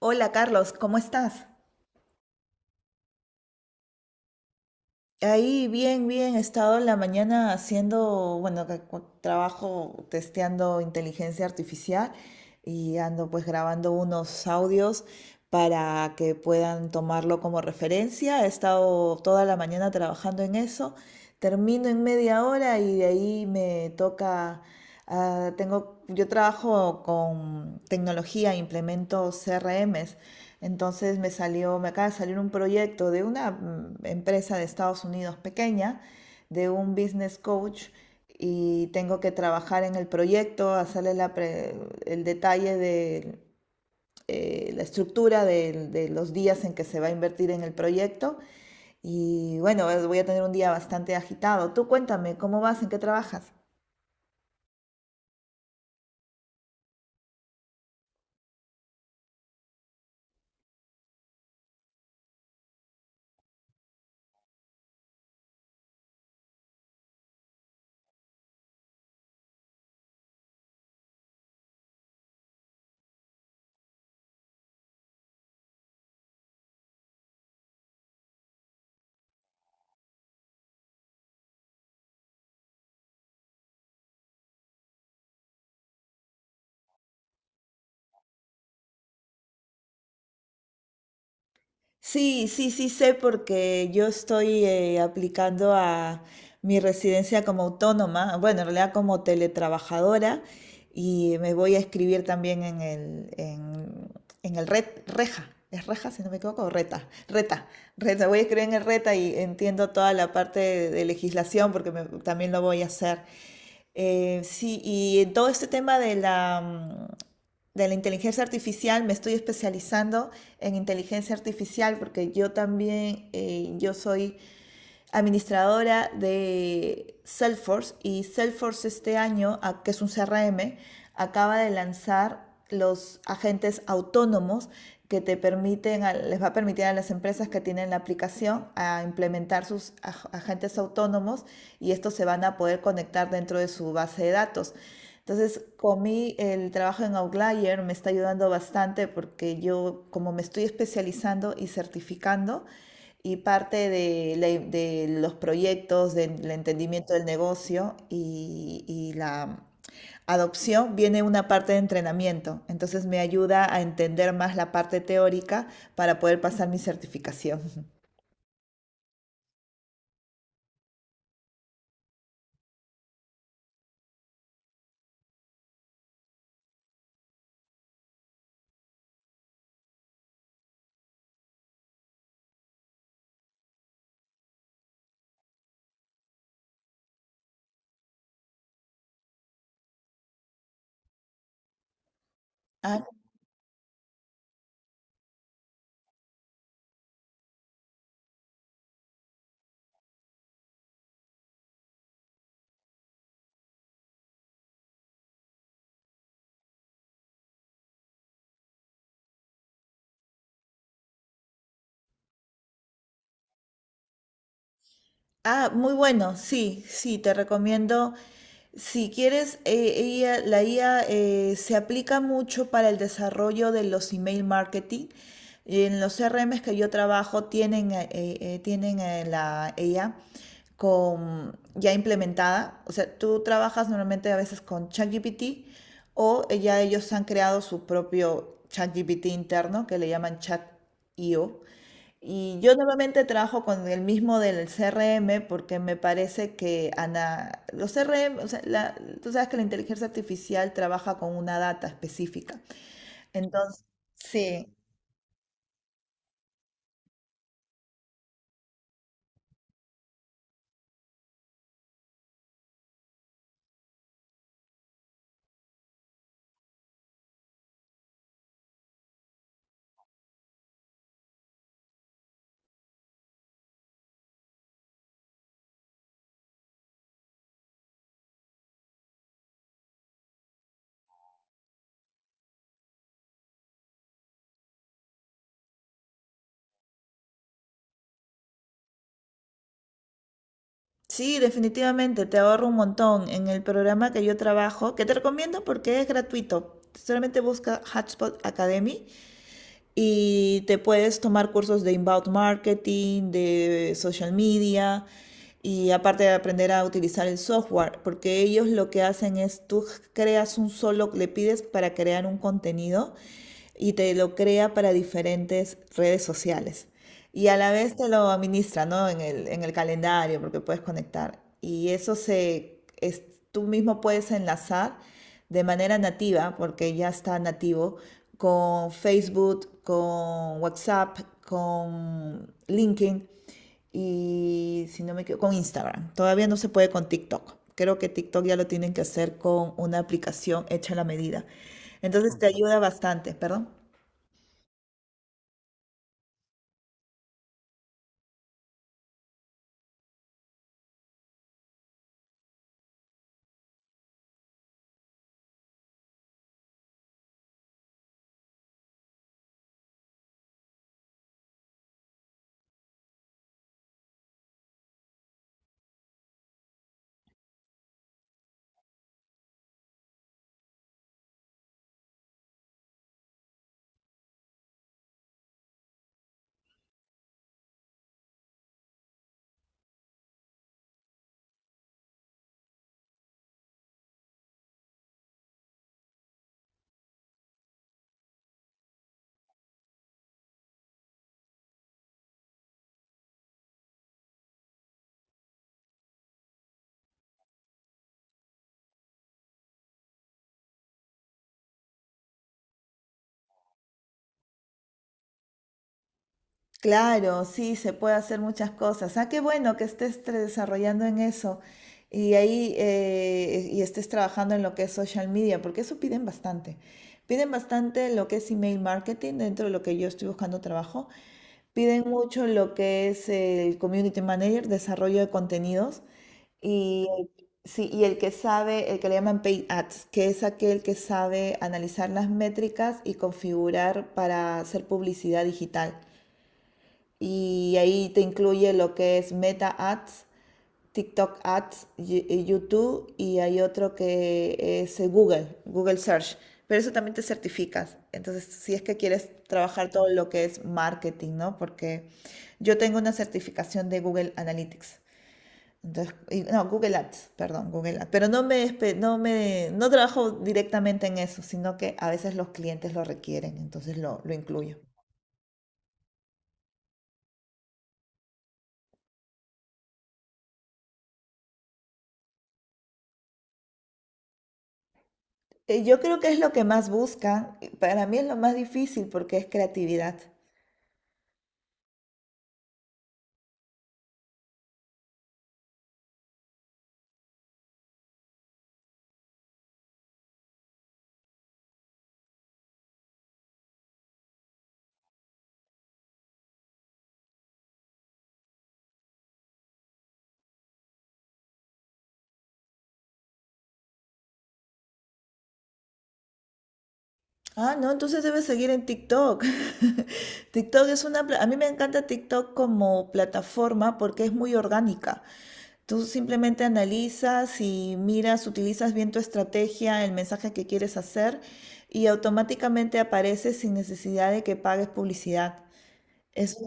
Hola Carlos, ¿cómo estás? Ahí bien, bien, he estado en la mañana haciendo, bueno, trabajo testeando inteligencia artificial y ando pues grabando unos audios para que puedan tomarlo como referencia. He estado toda la mañana trabajando en eso, termino en media hora y de ahí me toca, tengo, yo trabajo con tecnología, implemento CRMs. Entonces me salió, me acaba de salir un proyecto de una empresa de Estados Unidos pequeña, de un business coach, y tengo que trabajar en el proyecto, el detalle de la estructura de los días en que se va a invertir en el proyecto. Y bueno, voy a tener un día bastante agitado. Tú cuéntame, ¿cómo vas? ¿En qué trabajas? Sí, sí, sí sé porque yo estoy aplicando a mi residencia como autónoma, bueno, en realidad como teletrabajadora y me voy a escribir también en el RET, REJA, es REJA si no me equivoco, o RETA, RETA, RETA, voy a escribir en el RETA y entiendo toda la parte de legislación porque también lo voy a hacer. Sí, y en todo este tema de la, de la inteligencia artificial, me estoy especializando en inteligencia artificial porque yo también, yo soy administradora de Salesforce y Salesforce este año, que es un CRM, acaba de lanzar los agentes autónomos que te permiten, les va a permitir a las empresas que tienen la aplicación a implementar sus agentes autónomos y estos se van a poder conectar dentro de su base de datos. Entonces, con mí el trabajo en Outlier me está ayudando bastante porque yo, como me estoy especializando y certificando, y parte de, de los proyectos, del entendimiento del negocio y la adopción, viene una parte de entrenamiento. Entonces me ayuda a entender más la parte teórica para poder pasar mi certificación. Ah, muy bueno, sí, sí, te recomiendo. Si quieres, la IA, se aplica mucho para el desarrollo de los email marketing. En los CRMs que yo trabajo tienen, tienen la IA con, ya implementada. O sea, tú trabajas normalmente a veces con ChatGPT o ya ellos han creado su propio ChatGPT interno que le llaman ChatIO y yo normalmente trabajo con el mismo del CRM porque me parece que los CRM, o sea, la- tú sabes que la inteligencia artificial trabaja con una data específica. Entonces, sí, sí, definitivamente te ahorro un montón. En el programa que yo trabajo, que te recomiendo porque es gratuito, solamente busca Hotspot Academy y te puedes tomar cursos de inbound marketing, de social media y aparte de aprender a utilizar el software, porque ellos lo que hacen es tú creas un solo, le pides para crear un contenido y te lo crea para diferentes redes sociales y a la vez te lo administra, ¿no? En el calendario, porque puedes conectar. Y eso se, es- tú mismo puedes enlazar de manera nativa, porque ya está nativo, con Facebook, con WhatsApp, con LinkedIn y, si no me equivoco, con Instagram. Todavía no se puede con TikTok. Creo que TikTok ya lo tienen que hacer con una aplicación hecha a la medida. Entonces te ujú ayuda bastante, perdón. Claro, sí, se puede hacer muchas cosas. Ah, qué bueno que estés desarrollando en eso y ahí y estés trabajando en lo que es social media, porque eso piden bastante. Piden bastante lo que es email marketing dentro de lo que yo estoy buscando trabajo. Piden mucho lo que es el community manager, desarrollo de contenidos y sí, y el que sabe, el que le llaman paid ads, que es aquel que sabe analizar las métricas y configurar para hacer publicidad digital. Y ahí te incluye lo que es Meta Ads, TikTok Ads, YouTube y hay otro que es Google, Google Search. Pero eso también te certificas. Entonces, si es que quieres trabajar todo lo que es marketing, ¿no? Porque yo tengo una certificación de Google Analytics. Entonces, no, Google Ads, perdón, Google Ads. Pero no me, no trabajo directamente en eso, sino que a veces los clientes lo requieren, entonces lo incluyo. Yo creo que es lo que más buscan. Y para mí es lo más difícil porque es creatividad. Ah, no, entonces debes seguir en TikTok. TikTok es una... a mí me encanta TikTok como plataforma porque es muy orgánica. Tú simplemente analizas y miras, utilizas bien tu estrategia, el mensaje que quieres hacer y automáticamente aparece sin necesidad de que pagues publicidad. Es...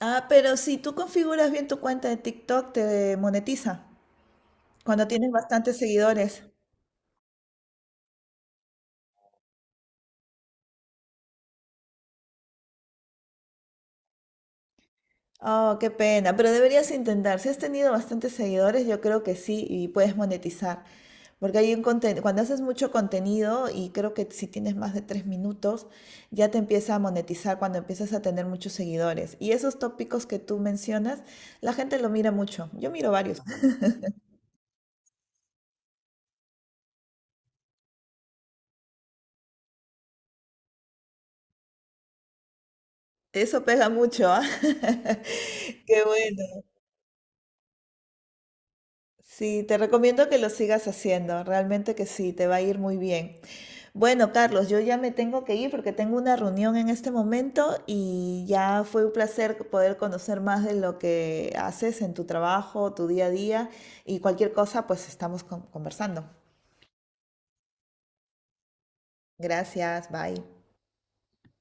ah, pero si tú configuras bien tu cuenta de TikTok, te monetiza cuando tienes bastantes seguidores. Oh, qué pena, pero deberías intentar. Si has tenido bastantes seguidores, yo creo que sí y puedes monetizar. Porque hay un conten- cuando haces mucho contenido y creo que si tienes más de tres minutos, ya te empieza a monetizar cuando empiezas a tener muchos seguidores. Y esos tópicos que tú mencionas, la gente lo mira mucho. Yo miro varios. Eso pega mucho, ¿ah? Qué bueno. Sí, te recomiendo que lo sigas haciendo. Realmente que sí, te va a ir muy bien. Bueno, Carlos, yo ya me tengo que ir porque tengo una reunión en este momento y ya fue un placer poder conocer más de lo que haces en tu trabajo, tu día a día y cualquier cosa, pues estamos conversando. Gracias, bye.